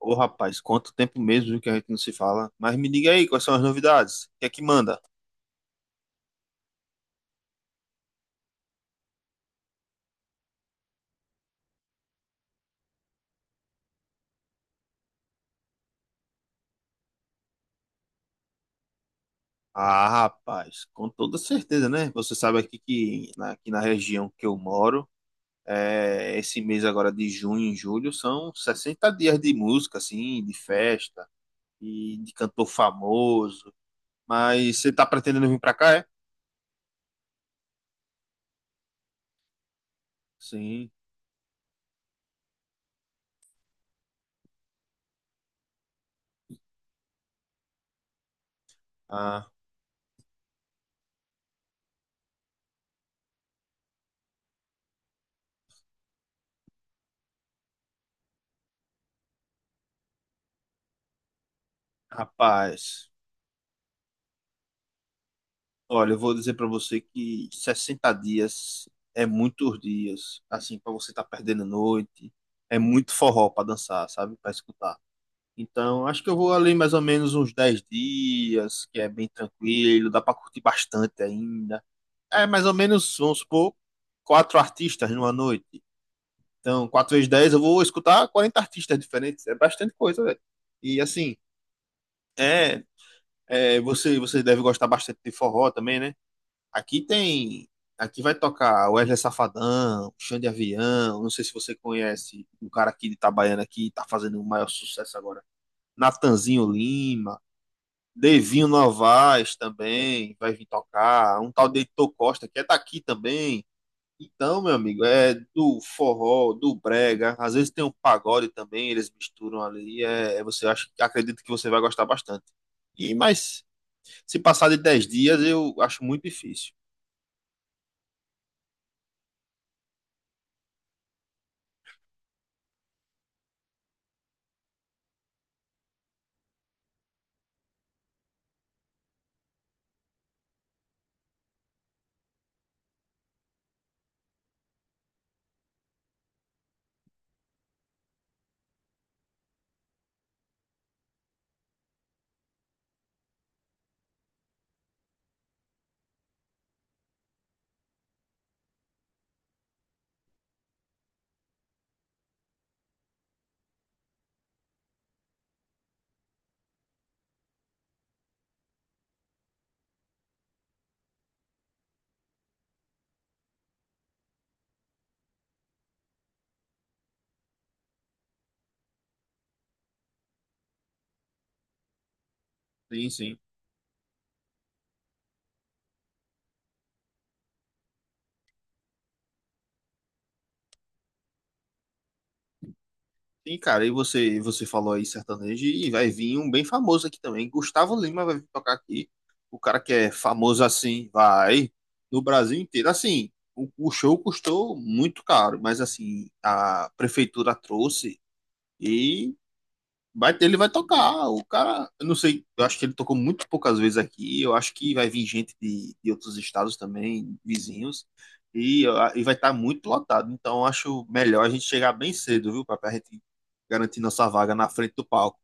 Ô, rapaz, quanto tempo mesmo viu, que a gente não se fala. Mas me diga aí, quais são as novidades? O que é que manda? Ah, rapaz, com toda certeza, né? Você sabe aqui que aqui na região que eu moro, esse mês agora de junho e julho são 60 dias de música, assim, de festa e de cantor famoso. Mas você tá pretendendo vir pra cá, é? Sim. Ah, rapaz. Olha, eu vou dizer para você que 60 dias é muitos dias, assim, para você estar tá perdendo noite, é muito forró para dançar, sabe? Para escutar. Então, acho que eu vou ali mais ou menos uns 10 dias, que é bem tranquilo, dá para curtir bastante ainda. É mais ou menos, vamos supor, quatro artistas numa noite. Então, quatro vezes 10, eu vou escutar 40 artistas diferentes, é bastante coisa, velho. E assim, é, você deve gostar bastante de forró também, né? Aqui tem. Aqui vai tocar Wesley Safadão, Chão de Avião. Não sei se você conhece um cara aqui de Itabaiana que tá fazendo o maior sucesso agora. Natanzinho Lima, Devinho Novaes também vai vir tocar. Um tal de Heitor Costa que é daqui também. Então, meu amigo, é do forró, do brega. Às vezes tem um pagode também, eles misturam ali. Acredito que você vai gostar bastante. E mas se passar de 10 dias, eu acho muito difícil. Sim, sim. Sim, cara, e você falou aí sertanejo, e vai vir um bem famoso aqui também. Gustavo Lima vai vir tocar aqui. O cara que é famoso assim, vai no Brasil inteiro. Assim, o show custou muito caro, mas assim, a prefeitura trouxe, e vai. Ele vai tocar. O cara, eu não sei, eu acho que ele tocou muito poucas vezes aqui. Eu acho que vai vir gente de outros estados também, vizinhos, e vai estar muito lotado. Então, eu acho melhor a gente chegar bem cedo, viu, para a gente garantir nossa vaga na frente do palco.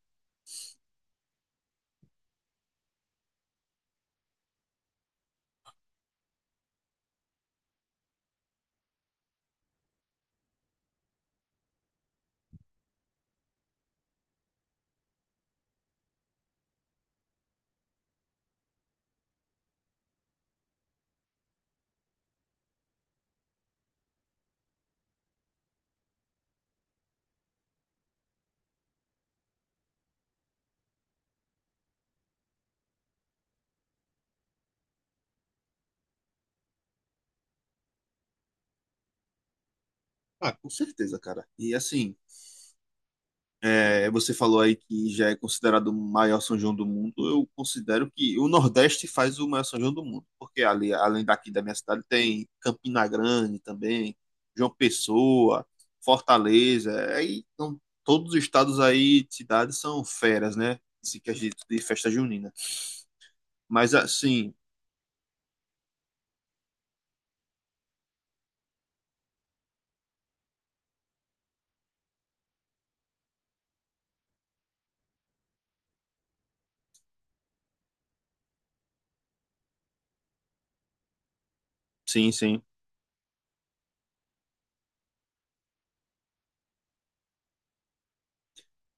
Ah, com certeza, cara. E assim, você falou aí que já é considerado o maior São João do mundo. Eu considero que o Nordeste faz o maior São João do mundo, porque ali, além daqui da minha cidade, tem Campina Grande também, João Pessoa, Fortaleza. Aí, então, todos os estados aí, cidades são feras, né? Se quer dizer de festa junina. Mas assim, sim, sim.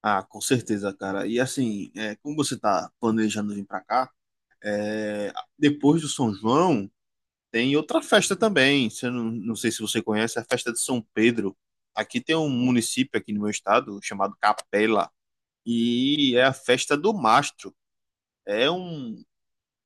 Ah, com certeza, cara. E assim, como você tá planejando vir pra cá, é, depois do São João. Tem outra festa também, se eu não, não sei se você conhece, a festa de São Pedro. Aqui tem um município aqui no meu estado chamado Capela e é a festa do mastro. É um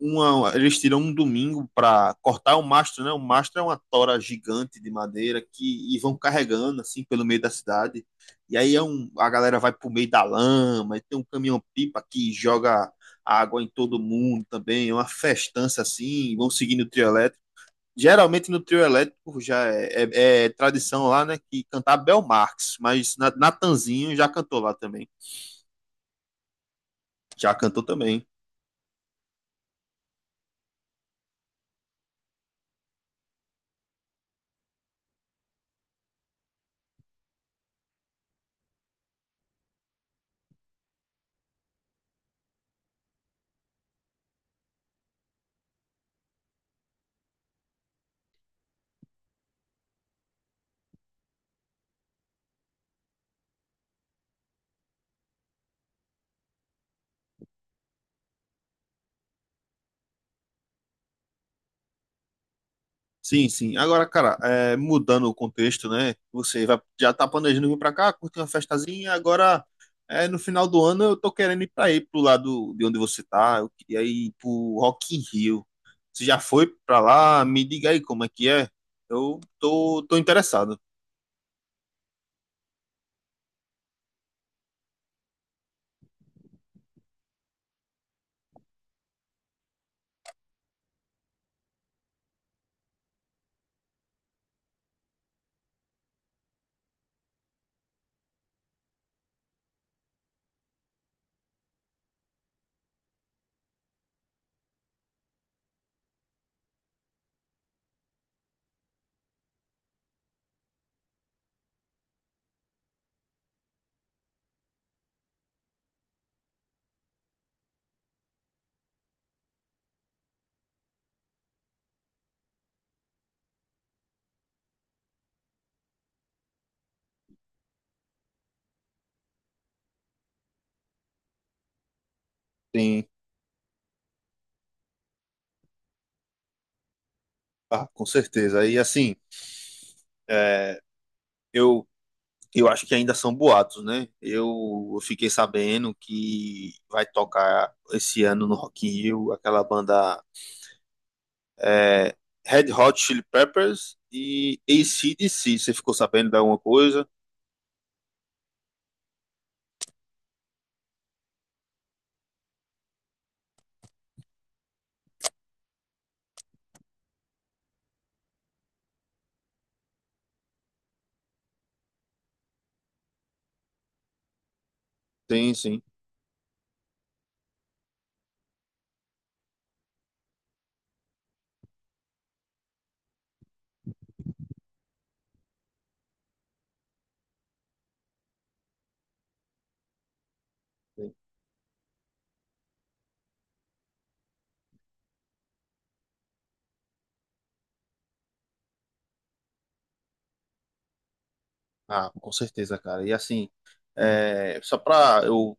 eles tiram um domingo para cortar o mastro, né? O mastro é uma tora gigante de madeira que e vão carregando assim pelo meio da cidade. E aí a galera vai pro meio da lama, e tem um caminhão-pipa que joga água em todo mundo também, é uma festança assim, vão seguindo o trio elétrico. Geralmente no trio elétrico já é tradição lá, né? Que cantar Bel Marx, mas Natanzinho já cantou lá também. Já cantou também. Sim, sim. Agora, cara, mudando o contexto, né? Você vai, já tá planejando vir pra cá, curtir uma festazinha, agora no final do ano eu tô querendo ir pra aí, pro lado de onde você tá. Eu queria ir pro Rock in Rio. Você já foi pra lá? Me diga aí como é que é. Eu tô interessado. Sim, ah, com certeza. E assim, eu eu acho que ainda são boatos, né? Eu fiquei sabendo que vai tocar esse ano no Rock in Rio aquela banda é, Red Hot Chili Peppers e ac C. Você ficou sabendo de alguma coisa? Sim, sim. Sim. Ah, com certeza, cara. E assim, só pra eu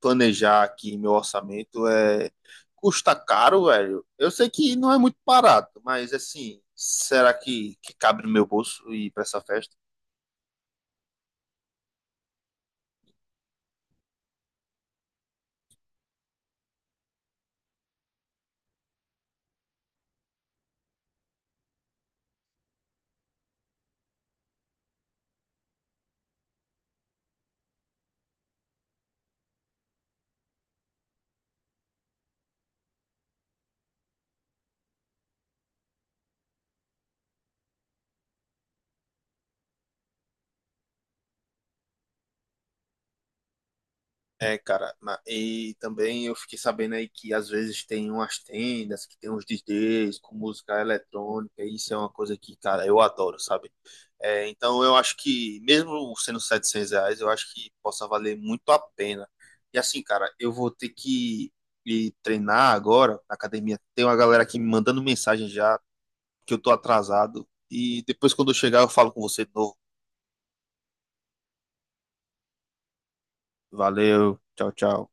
planejar aqui meu orçamento, custa caro, velho. Eu sei que não é muito barato, mas assim, será que cabe no meu bolso ir pra essa festa? É, cara, e também eu fiquei sabendo aí que às vezes tem umas tendas que tem uns DJs com música eletrônica, e isso é uma coisa que, cara, eu adoro, sabe? É, então eu acho que, mesmo sendo 700 reais, eu acho que possa valer muito a pena. E assim, cara, eu vou ter que ir treinar agora na academia. Tem uma galera aqui me mandando mensagem já, que eu tô atrasado, e depois quando eu chegar eu falo com você de novo. Valeu, tchau, tchau.